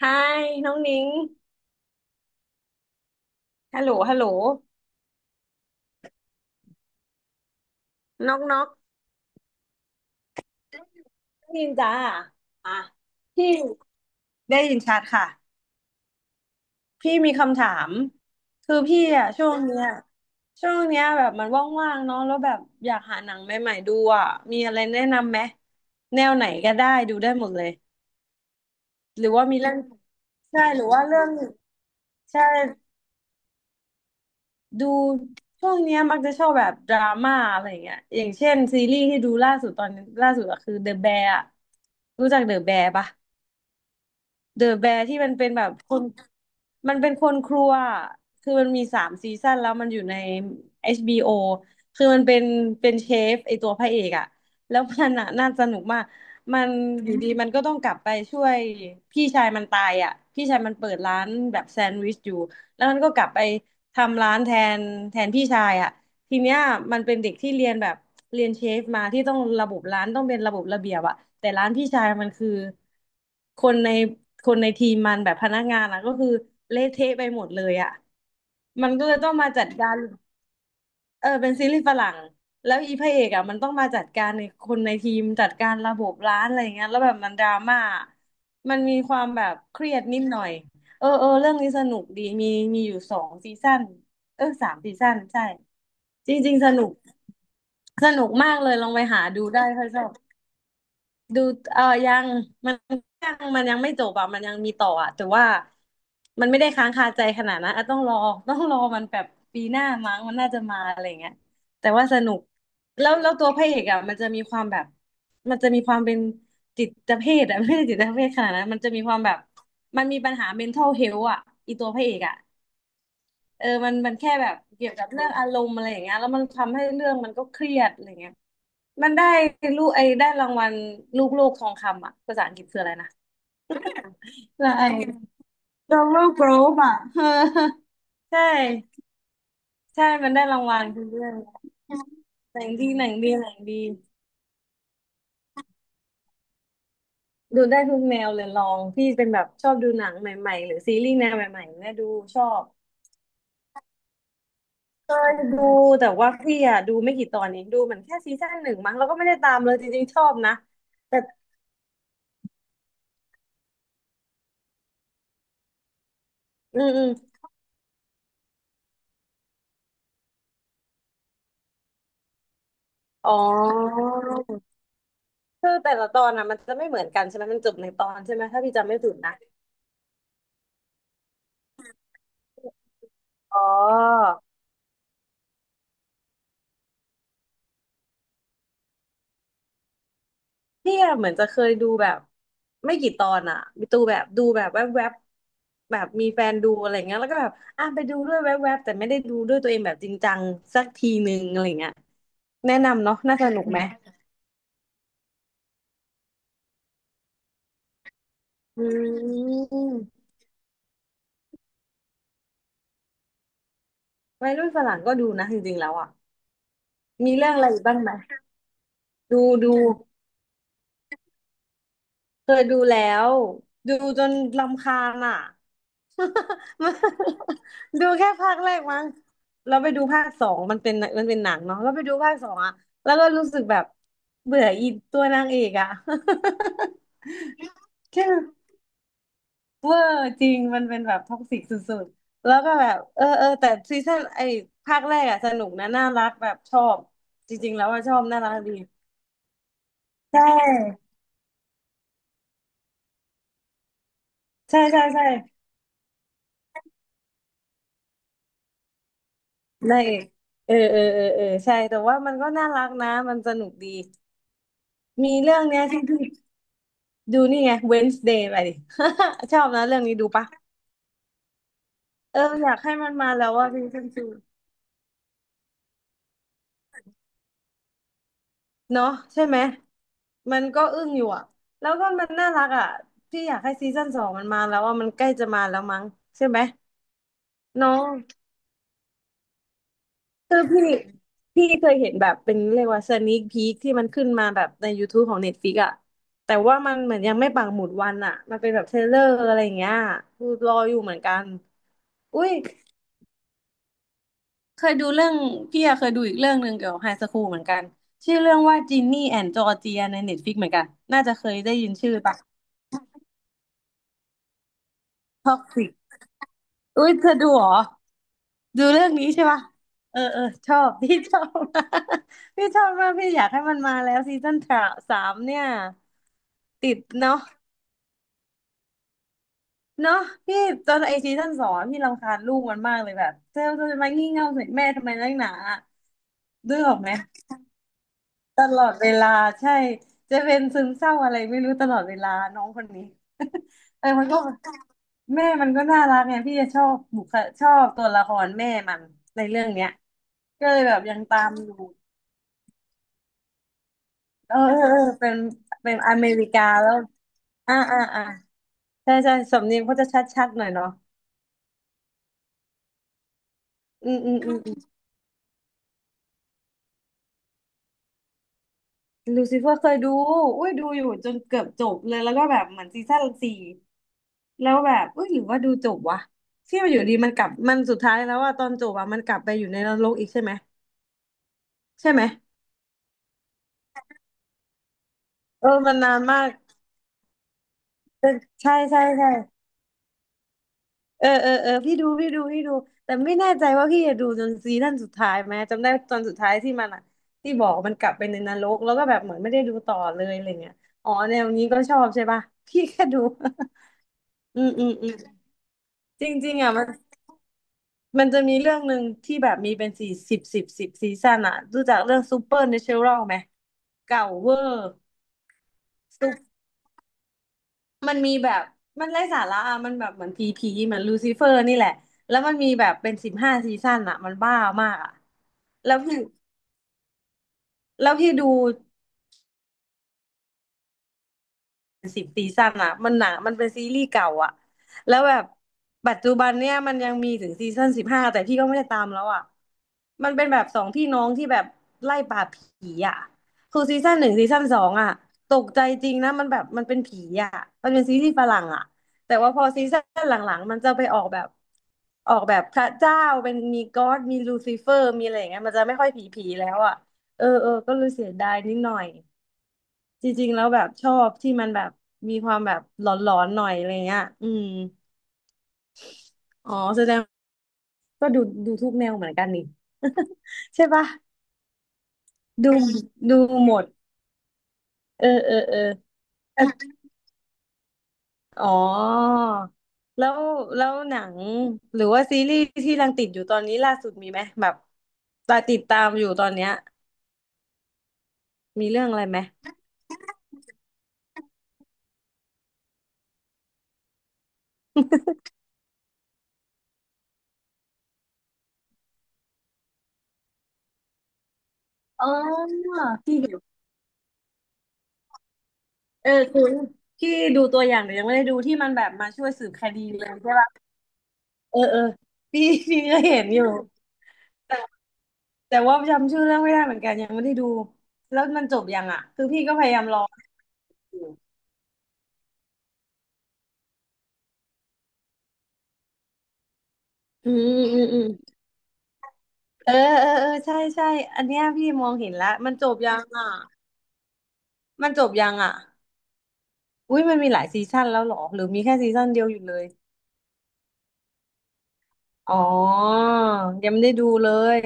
ไฮน้องนิ้งฮัลโหลฮัลโหลนอกนอกน้องนินจ้าอ่ะพี่ได้ยินชัดค่ะพี่มีคำถามคือพี่อ่ะช่วงเนี้ยช่วงเนี้ยแบบมันว่างๆเนาะแล้วแบบอยากหาหนังใหม่ๆดูอ่ะมีอะไรแนะนำไหมแนวไหนก็ได้ดูได้หมดเลยหรือว่ามีเรื่องใช่หรือว่าเรื่องใช่ ดูช่วงเนี้ยมักจะชอบแบบดราม่าอะไรอย่างเงี้ยอย่างเช่นซีรีส์ที่ดูล่าสุดตอนนี้ล่าสุดอะคือ The Bear อะรู้จัก The Bear ปะ เดอะแบร์ที่มันเป็นแบบคนมันเป็นคนครัวอะคือมันมีสามซีซั่นแล้วมันอยู่ใน HBO คือมันเป็นเป็นเชฟไอตัวพระเอกอะแล้วมันอะน่าสนุกมาก มันอยู่ดีมันก็ต้องกลับไปช่วยพี่ชายมันตายอะพี่ชายมันเปิดร้านแบบแซนด์วิชอยู่ แล้วมันก็กลับไปทำร้านแทนแทนพี่ชายอะ ทีเนี้ยมันเป็นเด็กที่เรียนแบบเรียนเชฟมาที่ต้องระบบร้านต้องเป็นระบบระเบียบอะแต่ร้านพี่ชายมันคือคนในคนในทีมมันแบบพนักงานอะก็คือเละเทะไปหมดเลยอะมันก็เลยต้องมาจัดการเออเป็นซีรีส์ฝรั่งแล้วอีพระเอกอะมันต้องมาจัดการในคนในทีมจัดการระบบร้านอะไรอย่างเงี้ยแล้วแบบมันดราม่ามันมีความแบบเครียดนิดหน่อยเออเออเรื่องนี้สนุกดีมีมีอยู่สองซีซั่นเออสามซีซั่นใช่จริงๆสนุก สนุกมากเลยลองไปหาดูได้ถ้าชอบดูเออยังมันยังมันยังไม่จบอ่ะมันยังมีต่ออ่ะแต่ว่ามันไม่ได้ค้างคาใจขนาดนั้นอ่ะต้องรอต้องรอมันแบบปีหน้ามั้งมันน่าจะมาอะไรเงี้ยแต่ว่าสนุกแล้วแล้วตัวพระเอกอ่ะมันจะมีความแบบมันจะมีความเป็นจิตเภทอ่ะ ไม่ใช่จิตเภทขนาดนั้นมันจะมีความแบบมันมีปัญหา mental health อ่ะอีตัวพระเอกอ่ะ เออมันมันแค่แบบเกี่ยวกับเรื่องอารมณ์อะไรอย่างเงี้ยแล้วมันทำให้เรื่องมันก็เครียดอะไรเงี้ยมันได้ลูกไอ้ได้รางวัลลูกโลกทองคำอ่ะภาษาอังกฤษคืออะไรนะอะไร้ดอลลาร์โกรอบอ่ะ เออใช่ใช่มันได้รางวัลคือเรื่องเนี้ยหนังดีหนังดีหนังดีดูได้ทุกแนวเลยลองพี่เป็นแบบชอบดูหนังใหม่ๆหรือซีรีส์แนวใหม่ๆเนี่ยดูชอบเคยดูแต่ว่าพี่อะดูไม่กี่ตอนเองดูเหมือนแค่ซีซั่นหนึ่งมั้งแล้วก็ไม่ได้ตามเลยจริงๆชอบนะ อืมอืมอ๋อคือแต่ละตอนอ่ะมันจะไม่เหมือนกันใช่ไหมมันจบในตอนใช่ไหมถ้าพี่จำไม่ผิดนะอ๋อพี่อะเหมือนจะเคยดูแบบไม่กี่ตอนอ่ะมีตูแบบดูแบบแวบๆบแบบมีแฟนดูอะไรเงี้ยแล้วก็แบบอ่ะไปดูด้วยแวบๆแต่ไม่ได้ดูด้วยตัวเองแบบจริงจังสักทีนึงอะไรเงี้ยแนะนำเนาะน่าสนุกไหมอืมวัยรุ่นฝรั่งก็ดูนะจริงๆแล้วอ่ะมีเรื่องอะไรอีกบ้างไหมดูดูเคยดูแล้วดูจนรำคาญอ่ะ ดูแค่ภาคแรกมั้งเราไปดูภาคสองมันเป็นมันเป็นหนังเนาะเราไปดูภาคสองอะแล้วก็รู้สึกแบบเบื่ออีตัวนางเอกอะ แค่เวอร์จริงมันเป็นแบบท็อกซิกสุดๆแล้วก็แบบเออเออแต่ซีซั่นไอ้ภาคแรกอะสนุกนะน่ารักแบบชอบจริงๆแล้วว่าชอบน่ารักดีใช่ใช่ใช่ใช่นางเอกเออเออเออเออใช่แต่ว่ามันก็น่ารักนะมันสนุกดีมีเรื่องเนี้ยที่พี่ ดูนี่ไง Wednesday ไปดิ ชอบนะเรื่องนี้ดูปะ เอออยากให้มันมาแล้วว่าพิงคันต์จูเนาะใช่ไหม มันก็อึ้งอยู่อะแล้วก็มันน่ารักอะพี่อยากให้ซีซั่นสองมันมาแล้วว่ามันใกล้จะมาแล้วมั้งใช่ไหมเน้องคือพี่พี่เคยเห็นแบบเป็นเรียกว่าสนี k พี k ที่มันขึ้นมาแบบใน YouTube ของ Netflix อะแต่ว่ามันเหมือนยังไม่ปักหมุดวันอะมันเป็นแบบเทรลเลอร์อะไรอย่างเงี้ยคือรออยู่เหมือนกันอุ้ย เคยดูเรื่องพี่อะเคยดูอีกเรื่องหนึ่งเกี่ยวกับไฮสคูลเหมือนกันชื่อเรื่องว่าจินนี่แอนจอร์เจียในเน็ตฟลิกเหมือนกันน่าจะเคยได้ยินชื่อปะท็อกซิกอุ้ยเธอดูเหรอดูเรื่องนี้ใช่ปะเออเออชอบ พี่ชอบ พี่ชอบมากพี่อยากให้มันมาแล้วซีซั่นสามเนี่ยติดเนาะเนาะพี่ตอนไอซีซั่นสองพี่รำคาญลูกมันมากเลยแบบเธอจะมางี่เง่าใส่แม่ทำไมนักหนาด้วยออกไหม ตลอดเวลาใช่จะเป็นซึมเศร้าอะไรไม่รู้ตลอดเวลาน้องคนนี้ เออมันก็แม่มันก็น่ารักไงพี่จะชอบบุคชอบตัวละครแม่มันในเรื่องเนี้ยก็เลยแบบยังตามอยู่เออเออเออเป็นเป็นอเมริกาแล้วอ่าอ่าอ่าใช่ใช่สำเนียงเขาจะชัดๆหน่อยเนาะอืมอืมอืมลูซิเฟอร์เคยดูอุ้ยดูอยู่จนเกือบจบเลยแล้วก็แบบเหมือนซีซั่นสี่ แล้วแบบเอ้ยหรือว่าดูจบวะที่มันอยู่ดีมันกลับมันสุดท้ายแล้วว่าตอนจบอะมันกลับไปอยู่ในนรกอีกใช่ไหมใช่ไหมเออมันนานมากเออใช่ใช่ใช่เออเออเออพี่ดูแต่ไม่แน่ใจว่าพี่จะดูจนซีซั่นสุดท้ายไหมจำได้ตอนสุดท้ายที่มันอะที่บอกว่ามันกลับไปในนรกแล้วก็แบบเหมือนไม่ได้ดูต่อเลยอะไรเงี้ยอ๋อแนวนี้ก็ชอบใช่ปะพี่แค่ดู อืมอืมอืมจริงๆอ่ะมันจะมีเรื่องหนึ่งที่แบบมีเป็นสี่สิบซีซั่นอ่ะรู้จักเรื่องซูเปอร์เนเชอรัลไหม เก่าเวอร์สุดมันมีแบบ มันไร้สาระอะมันแบบเหมือนพีพีเหมือนลูซิเฟอร์นี่แหละ แล้วมันมีแบบเป็นสิบห้าซีซั่นอะมันบ้ามากอะแล้วพี่ แล้วพี่ดู สิบซีซั่นอ่ะมันหนังมันเป็นซีรีส์เก่าอ่ะแล้วแบบปัจจุบันเนี่ยมันยังมีถึงซีซั่นสิบห้าแต่พี่ก็ไม่ได้ตามแล้วอ่ะมันเป็นแบบสองพี่น้องที่แบบไล่ปราบผีอ่ะคือซีซั่นหนึ่งซีซั่นสองอ่ะตกใจจริงนะมันแบบมันเป็นผีอ่ะมันเป็นซีรีส์ฝรั่งอ่ะแต่ว่าพอซีซั่นหลังๆมันจะไปออกแบบออกแบบพระเจ้าเป็นมีก็อดมีลูซิเฟอร์มีอะไรอย่างเงี้ยมันจะไม่ค่อยผีผีแล้วอ่ะเออเออก็เลยเสียดายนิดหน่อย จริงๆ แล้วแบบชอบที่มันแบบมีความแบบหลอนๆหน่อยอะไรเงี้ยอืมอ๋อแสดงก็ดูดูทุกแนวเหมือนกันนี่ ใช่ปะ ดูดูหมดเออเออเออแต่อ๋อแล้วแล้วหนังหรือว่าซีรีส์ที่กำลังติดอยู่ตอนนี้ล่าสุดมีไหมแบบตาติดตามอยู่ตอนเนี้ยมีเรื่องอะไรไหมอ๋อที่เออคุณที่ดูตัวอย่างแต่ยังไม่ได้ดูที่มันแบบมาช่วยสืบคดีเลยใช่ปะ เออเออพี่ พี่ก็เห็นอยู่แต่แต่ว่าจำชื่อเรื่องไม่ได้เหมือนกันยังไม่ได้ดูแล้วมันจบยังอ่ะคือพี่ก็พยายามรออยู่อืมอืมอืมเออเออเออใช่ใช่อันเนี้ยพี่มองเห็นแล้วมันจบยังอ่ะมันจบยังอ่ะอุ้ยมันมีหลายซีซั่นแล้วเหรอหรือมีแค่ซีซั่นเดียวอยู่เลยอ๋อยังไม่ได้ดูเลย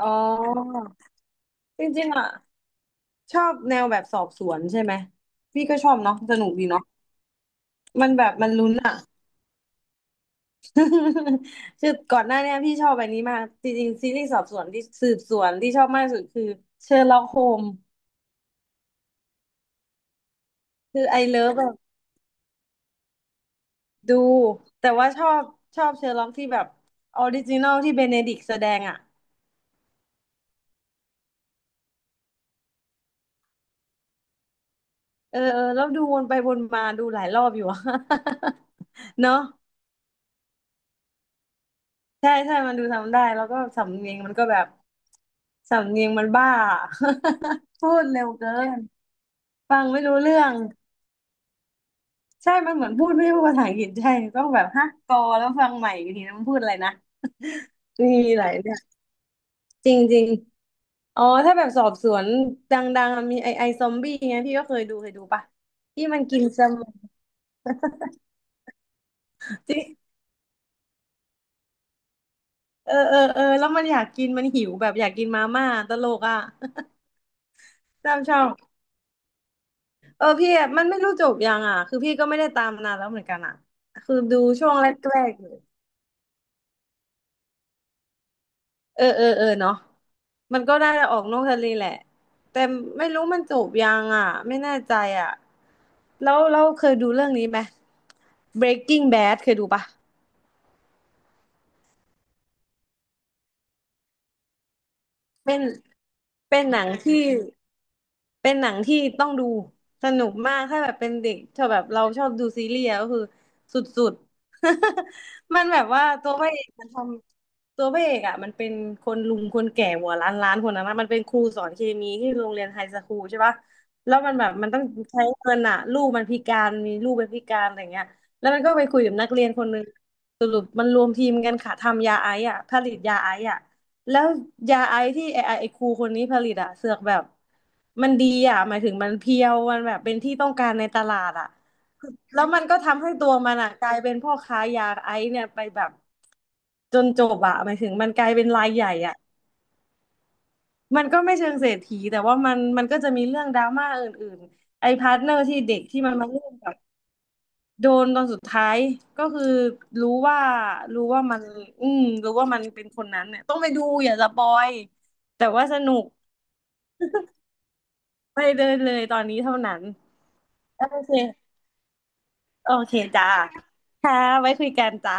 อ๋อจริงๆอ่ะชอบแนวแบบสอบสวนใช่ไหมพี่ก็ชอบเนาะสนุกดีเนาะมันแบบมันลุ้นอ่ะ คือก่อนหน้าเนี้ยพี่ชอบอันนี้มากจริงๆซีรีส์สอบสวนที่สืบสวนที่ชอบมากที่สุดคือเชอร์ล็อกโฮมคือไอเลิฟแบบดูแต่ว่าชอบเชอร์ล็อกที่แบบออริจินอลที่เบเนดิกต์แสดงอ่ะเออเออแล้วดูวนไปวนมาดูหลายรอบอยู่อะ เนาะใช่ใช่มันดูทำได้แล้วก็สำเนียงมันก็แบบสำเนียงมันบ้า พูดเร็วเกินฟังไม่รู้เรื่อง ใช่มันเหมือนพูดไม่พูดภาษาอังกฤษใช่ต้องแบบฮะกอแล้วฟังใหม่อีกทีนะมันพูดอะไรนะมีหลายเนี่ยจริงจริงอ๋อถ้าแบบสอบสวนดังๆอะมีไอซอมบี้ไงพี่ก็เคยดูปะที่มันกินสมองที่เออเออเออแล้วมันอยากกินมันหิวแบบอยากกินมาม่าตลกอ่ะ ตามช่องเออพี่อะมันไม่รู้จบยังอ่ะคือพี่ก็ไม่ได้ตามนานแล้วเหมือนกันอ่ะคือดูช่วงแรกๆอยู่ เออเออเออเนาะมันก็ได้ออกนอกทะเลแหละแต่ไม่รู้มันจูบยังอ่ะไม่แน่ใจอ่ะแล้วเราเคยดูเรื่องนี้ไหม Breaking Bad เคยดูปะ เป็นเป็นหนังที่เป็นหนังที่ต้องดูสนุกมากถ้าแบบเป็นเด็กชอบแบบเราชอบดูซีรีส์อะก็คือสุดๆ มันแบบว่าตัวพระเอกมันทำตัวพระเอกอ่ะมันเป็นคนลุงคนแก่หัวล้านคนนั้นนะมันเป็นครูสอนเคมีที่โรงเรียนไฮสคูลใช่ปะแล้วมันแบบมันต้องใช้เงินอะลูกมันพิการมีลูกเป็นพิการอะไรเงี้ยแล้วมันก็ไปคุยกับนักเรียนคนหนึงสรุปมันรวมทีมกันค่ะทำยาไอซ์อ่ะผลิตยาไอซ์อ่ะ แล้วยาไอที่ไอครูคนนี้ผลิตอะเสือกแบบมันดีอะหมายถึงมันเพียวมันแบบเป็นที่ต้องการในตลาดอะแล้วมันก็ทำให้ตัวมันอะกลายเป็นพ่อค้ายาไอเนี่ยไปแบบจนจบอะหมายถึงมันกลายเป็นรายใหญ่อะมันก็ไม่เชิงเศรษฐีแต่ว่ามันก็จะมีเรื่องดราม่าอื่นๆไอพาร์ทเนอร์ที่เด็กที่มันมาร่วมกับโดนตอนสุดท้ายก็คือรู้ว่ารู้ว่ามันรู้ว่ามันเป็นคนนั้นเนี่ยต้องไปดูอย่าสปอยแต่ว่าสนุก ไม่ได้เลยตอนนี้เท่านั้นโอเคโอเคจ้าค่ะไว้คุยกันจ้า